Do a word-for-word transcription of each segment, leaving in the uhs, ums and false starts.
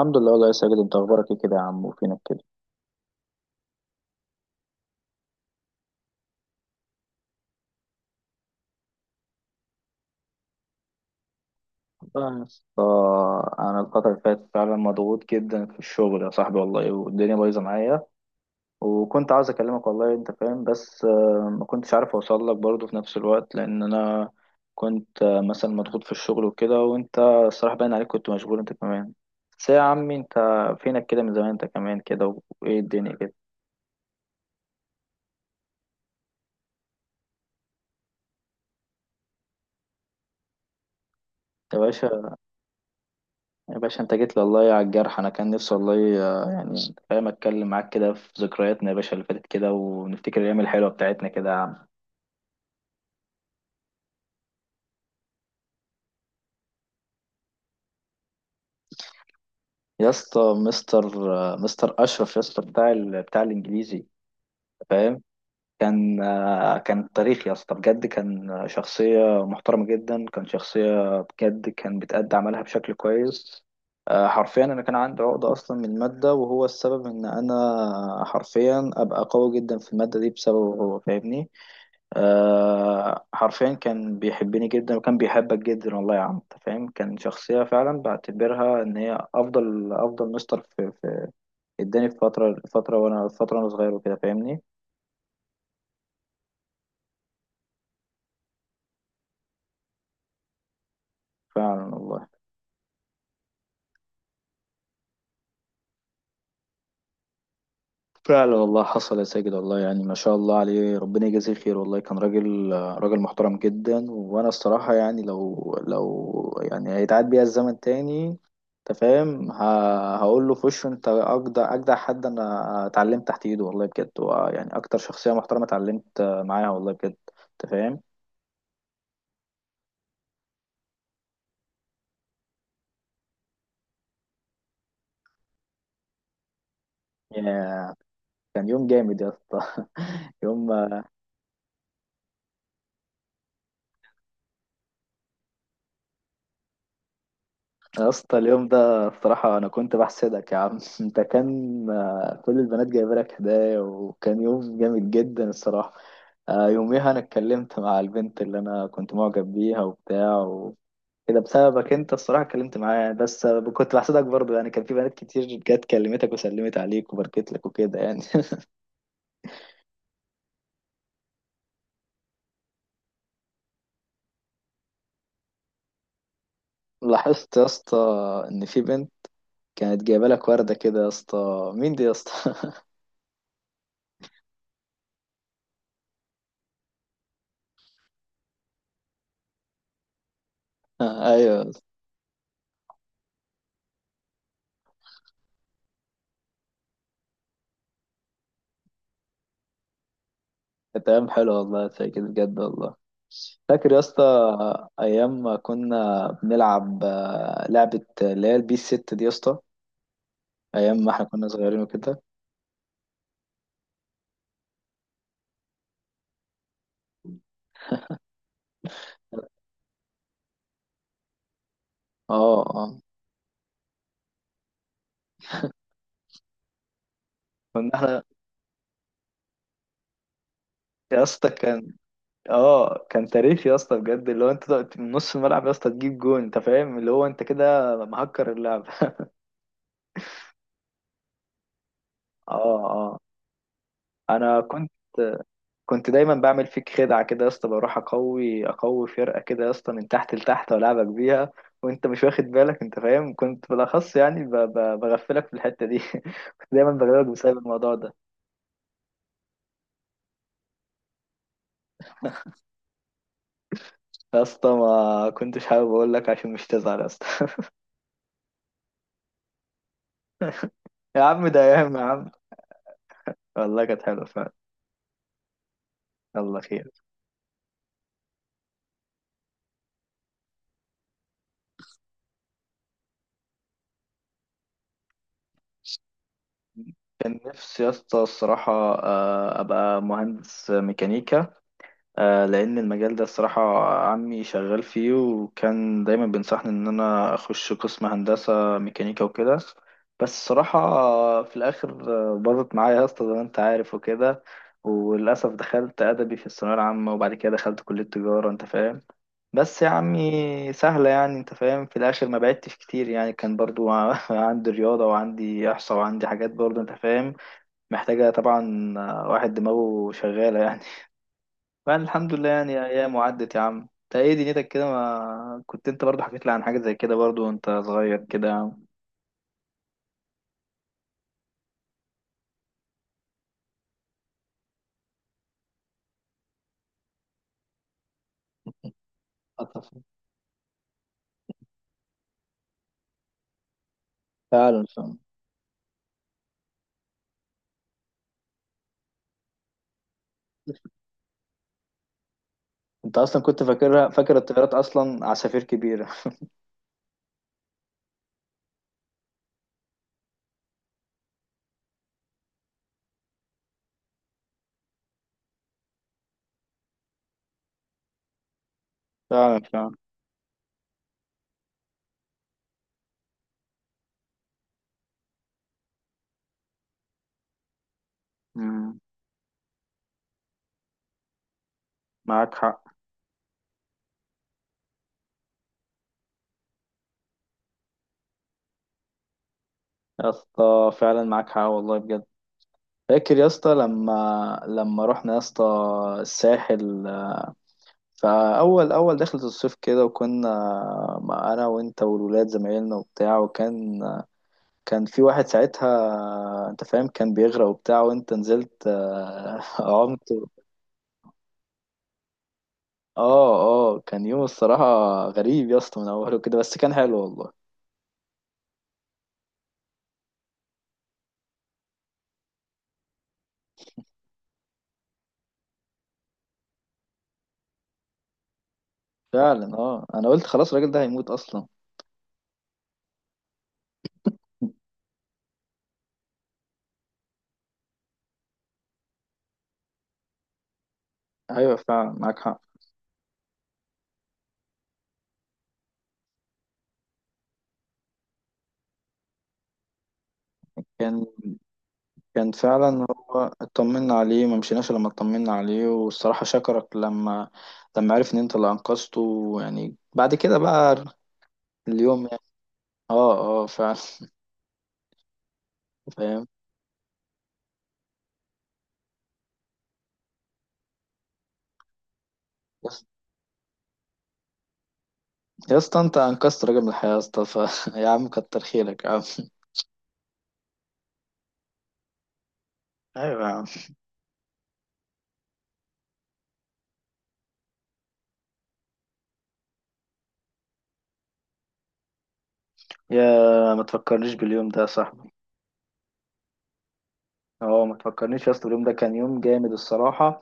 الحمد لله والله يا ساجد، انت اخبارك ايه كده يا عم؟ وفينك كده؟ والله يا اسطى، انا الفتره اللي فاتت فعلا مضغوط جدا في الشغل يا صاحبي والله، والدنيا بايظه معايا. وكنت عاوز اكلمك والله، انت فاهم، بس آه، ما كنتش عارف اوصل لك برضه في نفس الوقت، لان انا كنت آه، مثلا مضغوط في الشغل وكده. وانت الصراحه باين عليك كنت مشغول انت كمان. بس يا عمي، انت فينك كده من زمان؟ انت كمان كده وايه الدنيا كده؟ انت يا باشا انت جيت لي والله على الجرح، انا كان نفسي والله، آه، يعني انت فاهم، اتكلم معاك كده في ذكرياتنا يا باشا اللي فاتت كده، ونفتكر الايام الحلوه بتاعتنا كده يا عم. يا اسطى مستر آه، مستر اشرف يا اسطى، بتاع ال... بتاع الانجليزي، فاهم؟ كان آه، كان تاريخ يا اسطى بجد. كان شخصيه محترمه جدا، كان شخصيه بجد، كان بتأدي عملها بشكل كويس. آه، حرفيا انا كان عندي عقده اصلا من الماده، وهو السبب ان انا حرفيا ابقى قوي جدا في الماده دي بسببه، هو فاهمني. آه حرفيا كان بيحبني جدا وكان بيحبك جدا والله يا عم، انت فاهم. كان شخصية فعلا بعتبرها ان هي افضل افضل مستر في, في اداني في فترة فترة وانا فترة وانا صغير وكده، فاهمني؟ فعلا والله. فعلا والله حصل يا ساجد والله، يعني ما شاء الله عليه، ربنا يجازيه خير والله. كان راجل راجل محترم جدا، وانا الصراحة يعني، لو لو يعني هيتعاد بيا الزمن تاني انت فاهم، ه- هقول له في وشه انت اجدع اجدع حد انا اتعلمت تحت ايده والله بجد. هو يعني اكتر شخصية محترمة اتعلمت معاها والله بجد، انت فاهم. يا- كان يوم جامد يا اسطى. يوم يا اسطى، اليوم ده بصراحة أنا كنت بحسدك يا عم. أنت كان آه، كل البنات جايبة لك هدايا، وكان يوم جامد جدا الصراحة. آه، يوميها أنا اتكلمت مع البنت اللي أنا كنت معجب بيها وبتاع وكده، بسببك أنت الصراحة اتكلمت معاها. بس آه، كنت بحسدك برضه يعني، كان في بنات كتير جت كلمتك وسلمت عليك وباركت لك وكده يعني. لاحظت يا اسطى إن في بنت كانت جايبة لك وردة كده يا اسطى، مين دي يا اسطى؟ أيوه، كانت أيام حلوة والله زي كده بجد والله. فاكر يا اسطى ايام ما كنا بنلعب آه، لعبة آه، اللي هي البي ست دي يا اسطى، ايام ما احنا كنا صغيرين وكده. اه، اه. كنا احنا يا اسطى كان اه، كان تاريخ يا اسطى بجد، اللي هو انت تقعد من نص الملعب يا اسطى تجيب جون، انت فاهم، اللي هو انت كده مهكر اللعب. اه، اه. انا كنت كنت دايما بعمل فيك خدعة كده يا اسطى، بروح اقوي اقوي فرقة كده يا اسطى من تحت لتحت والعبك بيها، وانت مش واخد بالك، انت فاهم. كنت بالاخص يعني ب- ب- بغفلك في الحتة دي. كنت دايما بغلبك بسبب الموضوع ده. يا اسطى ما كنتش حابب اقول لك عشان مش تزعل يا اسطى. يا عم ده ايام يا عم. والله كانت حلوة فعلا. يلا خير. كان نفسي يا اسطى الصراحة آه، ابقى مهندس ميكانيكا، آه، لان المجال ده الصراحه عمي شغال فيه، وكان دايما بينصحني ان انا اخش قسم هندسه ميكانيكا وكده. بس الصراحه آه، في الاخر آه، باظت معايا يا اسطى زي ما انت عارف وكده، وللاسف دخلت ادبي في الثانويه العامه وبعد كده دخلت كليه تجاره، انت فاهم. بس يا عمي سهله يعني، انت فاهم، في الاخر ما بعدتش كتير يعني، كان برضو عندي رياضه وعندي احصاء وعندي حاجات برضو انت فاهم، محتاجه طبعا آه، واحد دماغه شغاله يعني. فأنا الحمد لله يعني، أيام وعدت يا عم. أنت إيه دنيتك كده؟ ما كنت أنت برضه حكيت لي عن حاجة زي كده برضه وأنت صغير كده يا عم. أطف. فعلا، فعلا. أنت أصلا كنت فاكرها، فاكر الطيارات أصلا عصافير كبيرة. فعلا، فعلا. أمم، معاك حق. يا اسطى فعلا معاك حق والله بجد. فاكر يا اسطى لما لما رحنا يا اسطى الساحل، فأول أول دخلة الصيف كده، وكنا مع أنا وأنت والولاد زمايلنا وبتاع. وكان كان في واحد ساعتها انت فاهم كان بيغرق وبتاع، وانت نزلت آه، عمت. اه، اه. كان يوم الصراحة غريب يا اسطى من اوله كده، بس كان حلو والله. فعلا، اه، انا قلت خلاص الراجل ده هيموت اصلا. ايوه فعلا معاك حق. كان كان فعلا هو اطمنا عليه، ما مشيناش لما اطمنا عليه، والصراحة شكرك لما لما عرف ان انت اللي انقذته، يعني بعد كده بقى اليوم يعني. اه، اه فعلا. فاهم، يا اسطى انت انقذت راجل من الحياة يا اسطى، ف... يا عم كتر خيرك يا عم. ايوه يا عم. يا ما تفكرنيش باليوم ده يا صاحبي. اه ما تفكرنيش يا اسطى، اليوم ده كان يوم جامد الصراحة.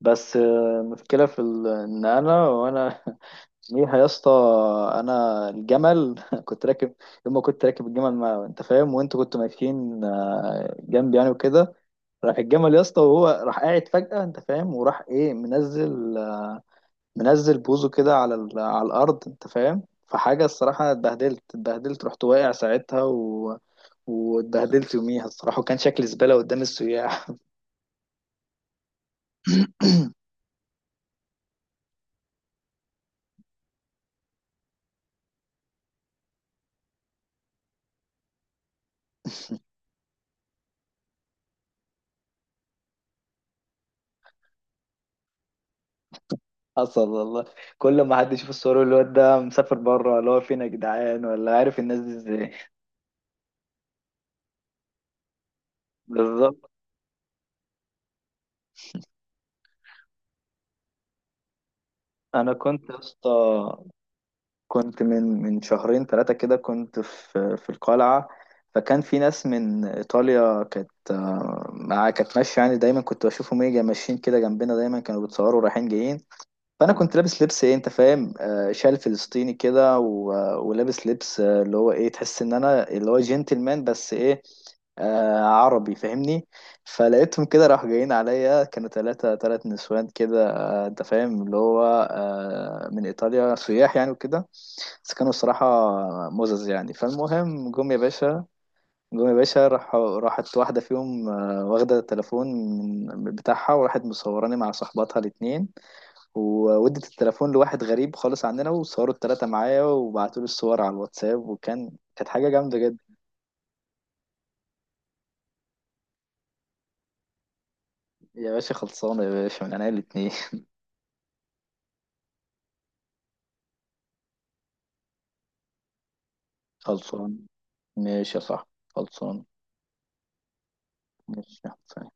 بس آه، المشكلة في ال... ان انا وانا ليها يا اسطى، انا الجمل كنت راكب. يوم ما كنت راكب الجمل، ما انت فاهم وانتوا كنتوا ماشيين آه، جنبي يعني وكده، راح الجمل يا اسطى، وهو راح قاعد فجأة انت فاهم، وراح ايه منزل منزل بوزه كده على ال- على الارض انت فاهم. فحاجه الصراحه اتبهدلت اتبهدلت رحت واقع ساعتها، و... واتبهدلت يوميها الصراحه، وكان شكلي زباله قدام السياح. حصل والله، كل ما حد يشوف الصور يقول الواد ده مسافر بره، اللي هو فين يا جدعان؟ ولا عارف الناس دي ازاي. بالظبط. انا كنت يا اسطى كنت من من شهرين ثلاثة كده كنت في في القلعة، فكان في ناس من إيطاليا، كانت آه، مع كانت ماشية يعني، دايما كنت بشوفهم ايه جا- ماشيين كده جنبنا، دايما كانوا بيتصوروا رايحين جايين. فأنا كنت لابس لبس ايه انت فاهم، آه، شال فلسطيني كده، و- آه، ولابس لبس آه، اللي هو ايه، تحس ان انا اللي هو جنتلمان، بس ايه، آه عربي، فاهمني؟ فلقيتهم كده راحوا جايين عليا، كانوا ثلاثة ثلاث نسوان كده، آه انت فاهم اللي هو آه من ايطاليا سياح يعني وكده، بس كانوا الصراحة مزز يعني. فالمهم جم يا باشا، جم يا باشا راح راحت واحدة فيهم آه، واخدة التليفون من بتاعها وراحت مصوراني مع صحباتها الاتنين، وودت التليفون لواحد غريب خالص عندنا وصوروا التلاتة معايا وبعتوا لي الصور على الواتساب، وكان كانت حاجة جامدة جدا. يا باشا خلصانة يا باشا من عينيا الاتنين. خلصان. ماشي يا صاحبي، خلصان. ماشي يا حسين.